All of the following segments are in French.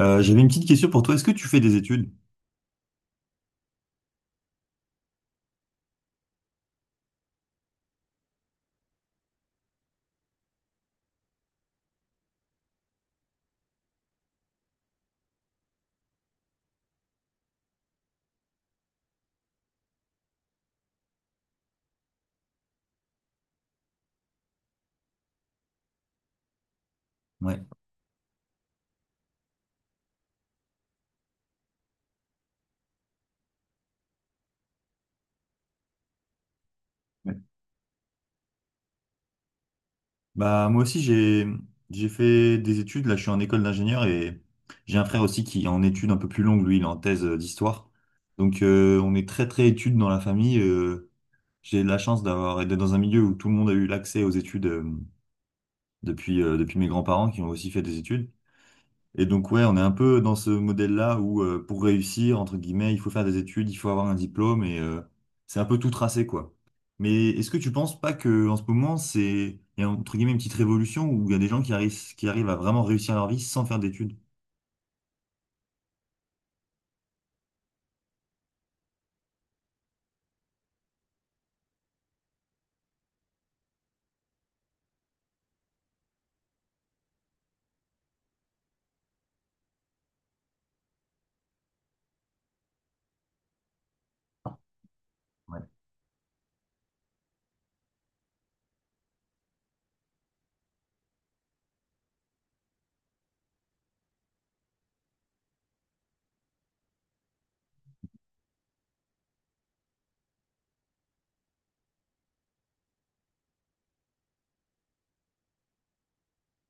J'avais une petite question pour toi. Est-ce que tu fais des études? Ouais. Ouais. Bah moi aussi j'ai fait des études. Là je suis en école d'ingénieur et j'ai un frère aussi qui est en études un peu plus longues. Lui il est en thèse d'histoire. Donc on est très très études dans la famille. J'ai la chance d'être dans un milieu où tout le monde a eu l'accès aux études depuis depuis mes grands-parents qui ont aussi fait des études. Et donc, ouais, on est un peu dans ce modèle-là où pour réussir, entre guillemets, il faut faire des études, il faut avoir un diplôme et c'est un peu tout tracé, quoi. Mais est-ce que tu penses pas que en ce moment, c'est, il y a entre guillemets une petite révolution où il y a des gens qui arrivent à vraiment réussir leur vie sans faire d'études? Ouais,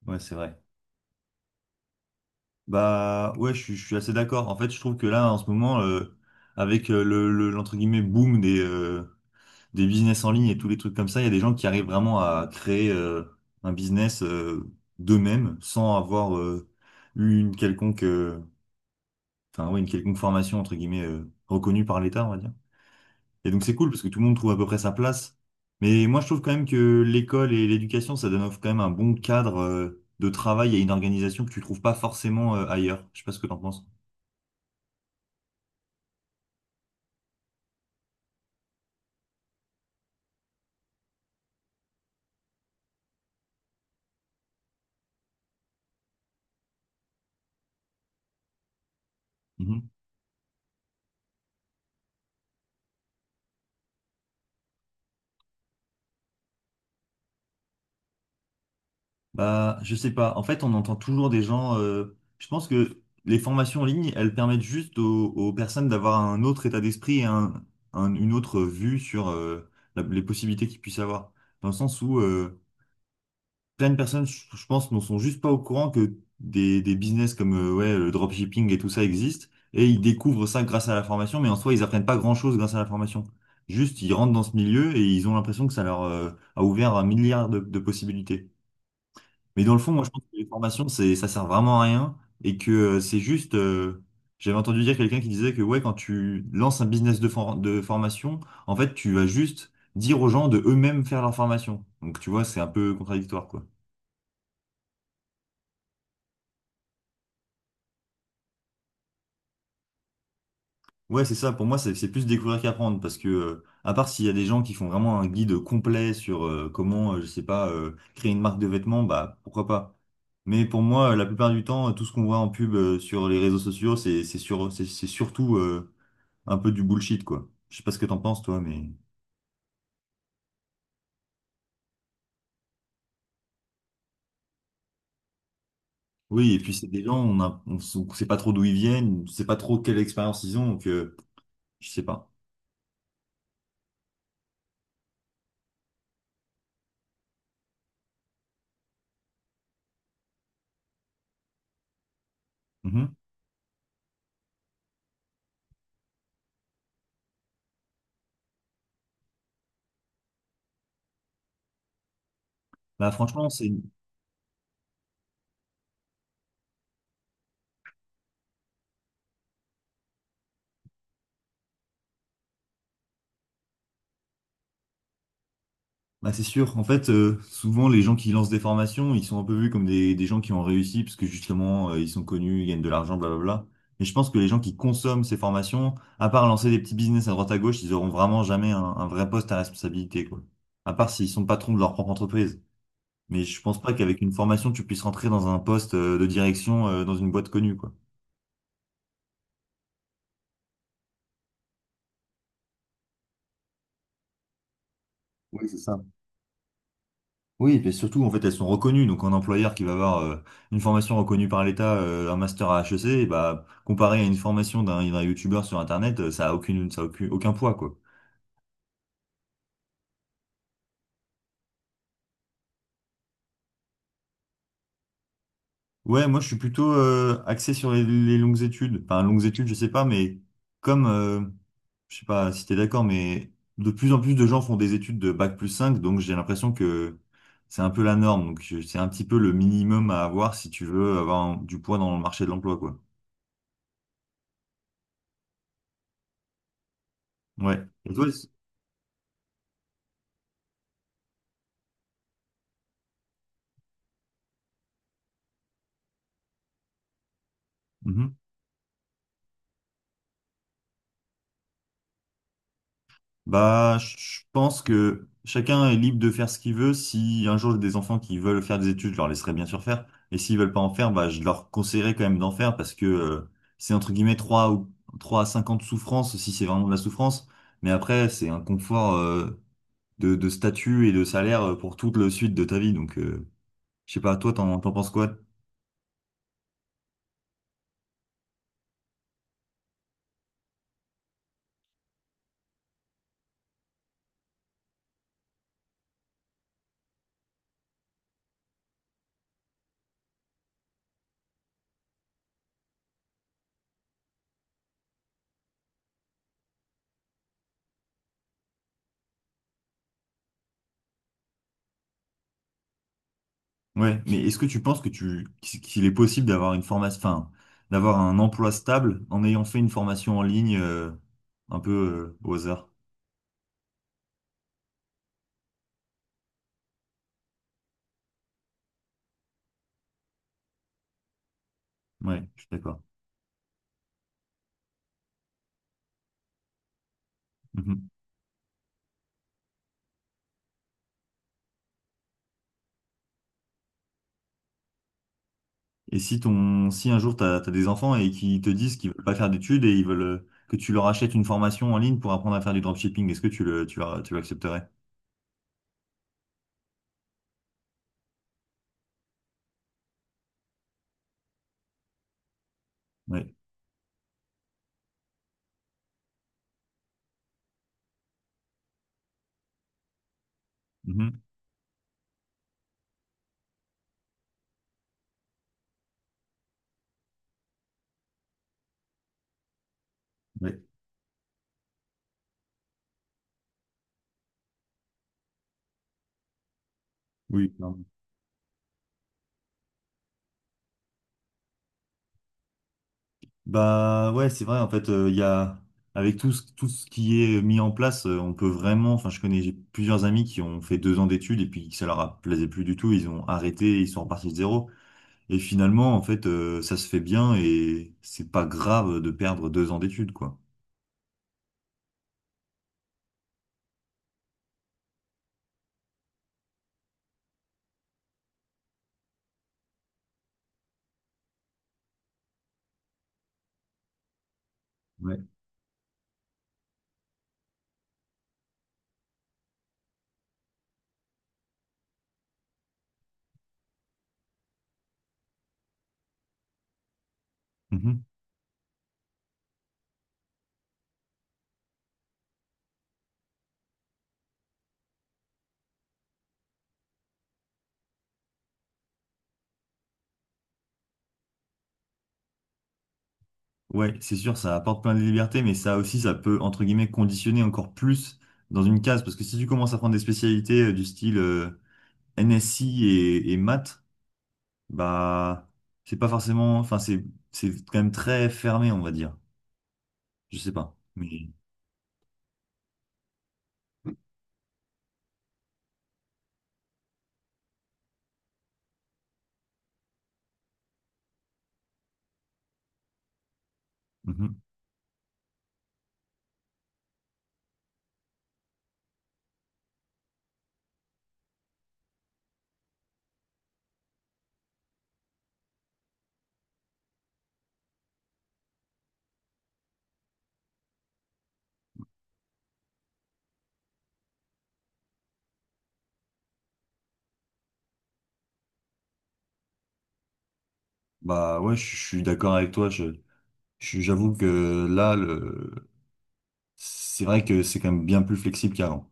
ouais, c'est vrai. Bah, ouais, je suis assez d'accord. En fait, je trouve que là, en ce moment, avec l'entre guillemets boom des business en ligne et tous les trucs comme ça, il y a des gens qui arrivent vraiment à créer un business d'eux-mêmes sans avoir eu une quelconque, enfin ouais, une quelconque formation entre guillemets reconnue par l'État, on va dire. Et donc c'est cool parce que tout le monde trouve à peu près sa place. Mais moi je trouve quand même que l'école et l'éducation, ça donne quand même un bon cadre de travail et une organisation que tu trouves pas forcément ailleurs. Je sais pas ce que t'en penses. Bah, je sais pas. En fait, on entend toujours des gens. Je pense que les formations en ligne, elles permettent juste aux, aux personnes d'avoir un autre état d'esprit et un, une autre vue sur les possibilités qu'ils puissent avoir. Dans le sens où plein de personnes, je pense, ne sont juste pas au courant que des business comme ouais, le dropshipping et tout ça existent. Et ils découvrent ça grâce à la formation, mais en soi, ils apprennent pas grand-chose grâce à la formation. Juste, ils rentrent dans ce milieu et ils ont l'impression que ça leur a ouvert un milliard de possibilités. Mais dans le fond, moi, je pense que les formations, c'est, ça sert vraiment à rien et que c'est juste. J'avais entendu dire quelqu'un qui disait que ouais, quand tu lances un business de formation, en fait, tu vas juste dire aux gens de eux-mêmes faire leur formation. Donc, tu vois, c'est un peu contradictoire, quoi. Ouais, c'est ça. Pour moi, c'est plus découvrir qu'apprendre parce que, à part s'il y a des gens qui font vraiment un guide complet sur comment, je sais pas, créer une marque de vêtements, bah pourquoi pas. Mais pour moi, la plupart du temps, tout ce qu'on voit en pub sur les réseaux sociaux, c'est surtout un peu du bullshit, quoi. Je sais pas ce que t'en penses, toi, mais. Oui, et puis c'est des gens, on a, on, s- on sait pas trop d'où ils viennent, on sait pas trop quelle expérience ils ont, donc je sais pas. Mhm. Bah franchement, c'est sûr. En fait, souvent les gens qui lancent des formations, ils sont un peu vus comme des gens qui ont réussi parce que justement ils sont connus, ils gagnent de l'argent, blablabla. Mais je pense que les gens qui consomment ces formations, à part lancer des petits business à droite à gauche, ils auront vraiment jamais un, un vrai poste à responsabilité, quoi. À part s'ils sont patrons de leur propre entreprise. Mais je pense pas qu'avec une formation, tu puisses rentrer dans un poste de direction dans une boîte connue, quoi. Oui, c'est ça. Oui, et surtout, en fait, elles sont reconnues. Donc, un employeur qui va avoir une formation reconnue par l'État, un master à HEC, et bah, comparé à une formation d'un youtubeur sur Internet, ça a aucune, ça a aucun, aucun poids, quoi. Ouais, moi je suis plutôt axé sur les longues études. Enfin, longues études, je sais pas, mais comme, je sais pas si t'es d'accord, mais de plus en plus de gens font des études de bac+5, donc j'ai l'impression que c'est un peu la norme. Donc, c'est un petit peu le minimum à avoir si tu veux avoir du poids dans le marché de l'emploi, quoi. Ouais. Et toi, c'est- Mhm. Bah, je pense que chacun est libre de faire ce qu'il veut. Si un jour j'ai des enfants qui veulent faire des études, je leur laisserai bien sûr faire. Et s'ils veulent pas en faire, bah, je leur conseillerais quand même d'en faire parce que c'est entre guillemets 3, ou 3 à 5 ans de souffrance si c'est vraiment de la souffrance. Mais après, c'est un confort euh, de statut et de salaire pour toute la suite de ta vie. Donc, je sais pas, toi, t'en penses quoi? Ouais, mais est-ce que tu penses que tu qu'il est possible d'avoir une formation, enfin, d'avoir un emploi stable en ayant fait une formation en ligne un peu au hasard? Ouais, je suis d'accord. Mhm. Et si ton si un jour t'as des enfants et qu'ils te disent qu'ils veulent pas faire d'études et ils veulent que tu leur achètes une formation en ligne pour apprendre à faire du dropshipping, est-ce que tu le tu, vas- tu l'accepterais? Ouais. Mhm. Ouais. Oui. Bah ouais, c'est vrai, en fait, il y a avec tout ce qui est mis en place, on peut vraiment, enfin je connais j'ai plusieurs amis qui ont fait 2 ans d'études et puis ça leur a plaisait plus du tout, ils ont arrêté, ils sont repartis de zéro. Et finalement, en fait, ça se fait bien et c'est pas grave de perdre 2 ans d'études, quoi. Ouais. Mhm. Ouais, c'est sûr, ça apporte plein de libertés, mais ça aussi, ça peut, entre guillemets, conditionner encore plus dans une case, parce que si tu commences à prendre des spécialités du style NSI et maths, bah, c'est pas forcément, enfin, c'est quand même très fermé, on va dire. Je sais pas. Mais, mhm. Bah, ouais, je suis d'accord avec toi. J'avoue que là, c'est vrai que c'est quand même bien plus flexible qu'avant.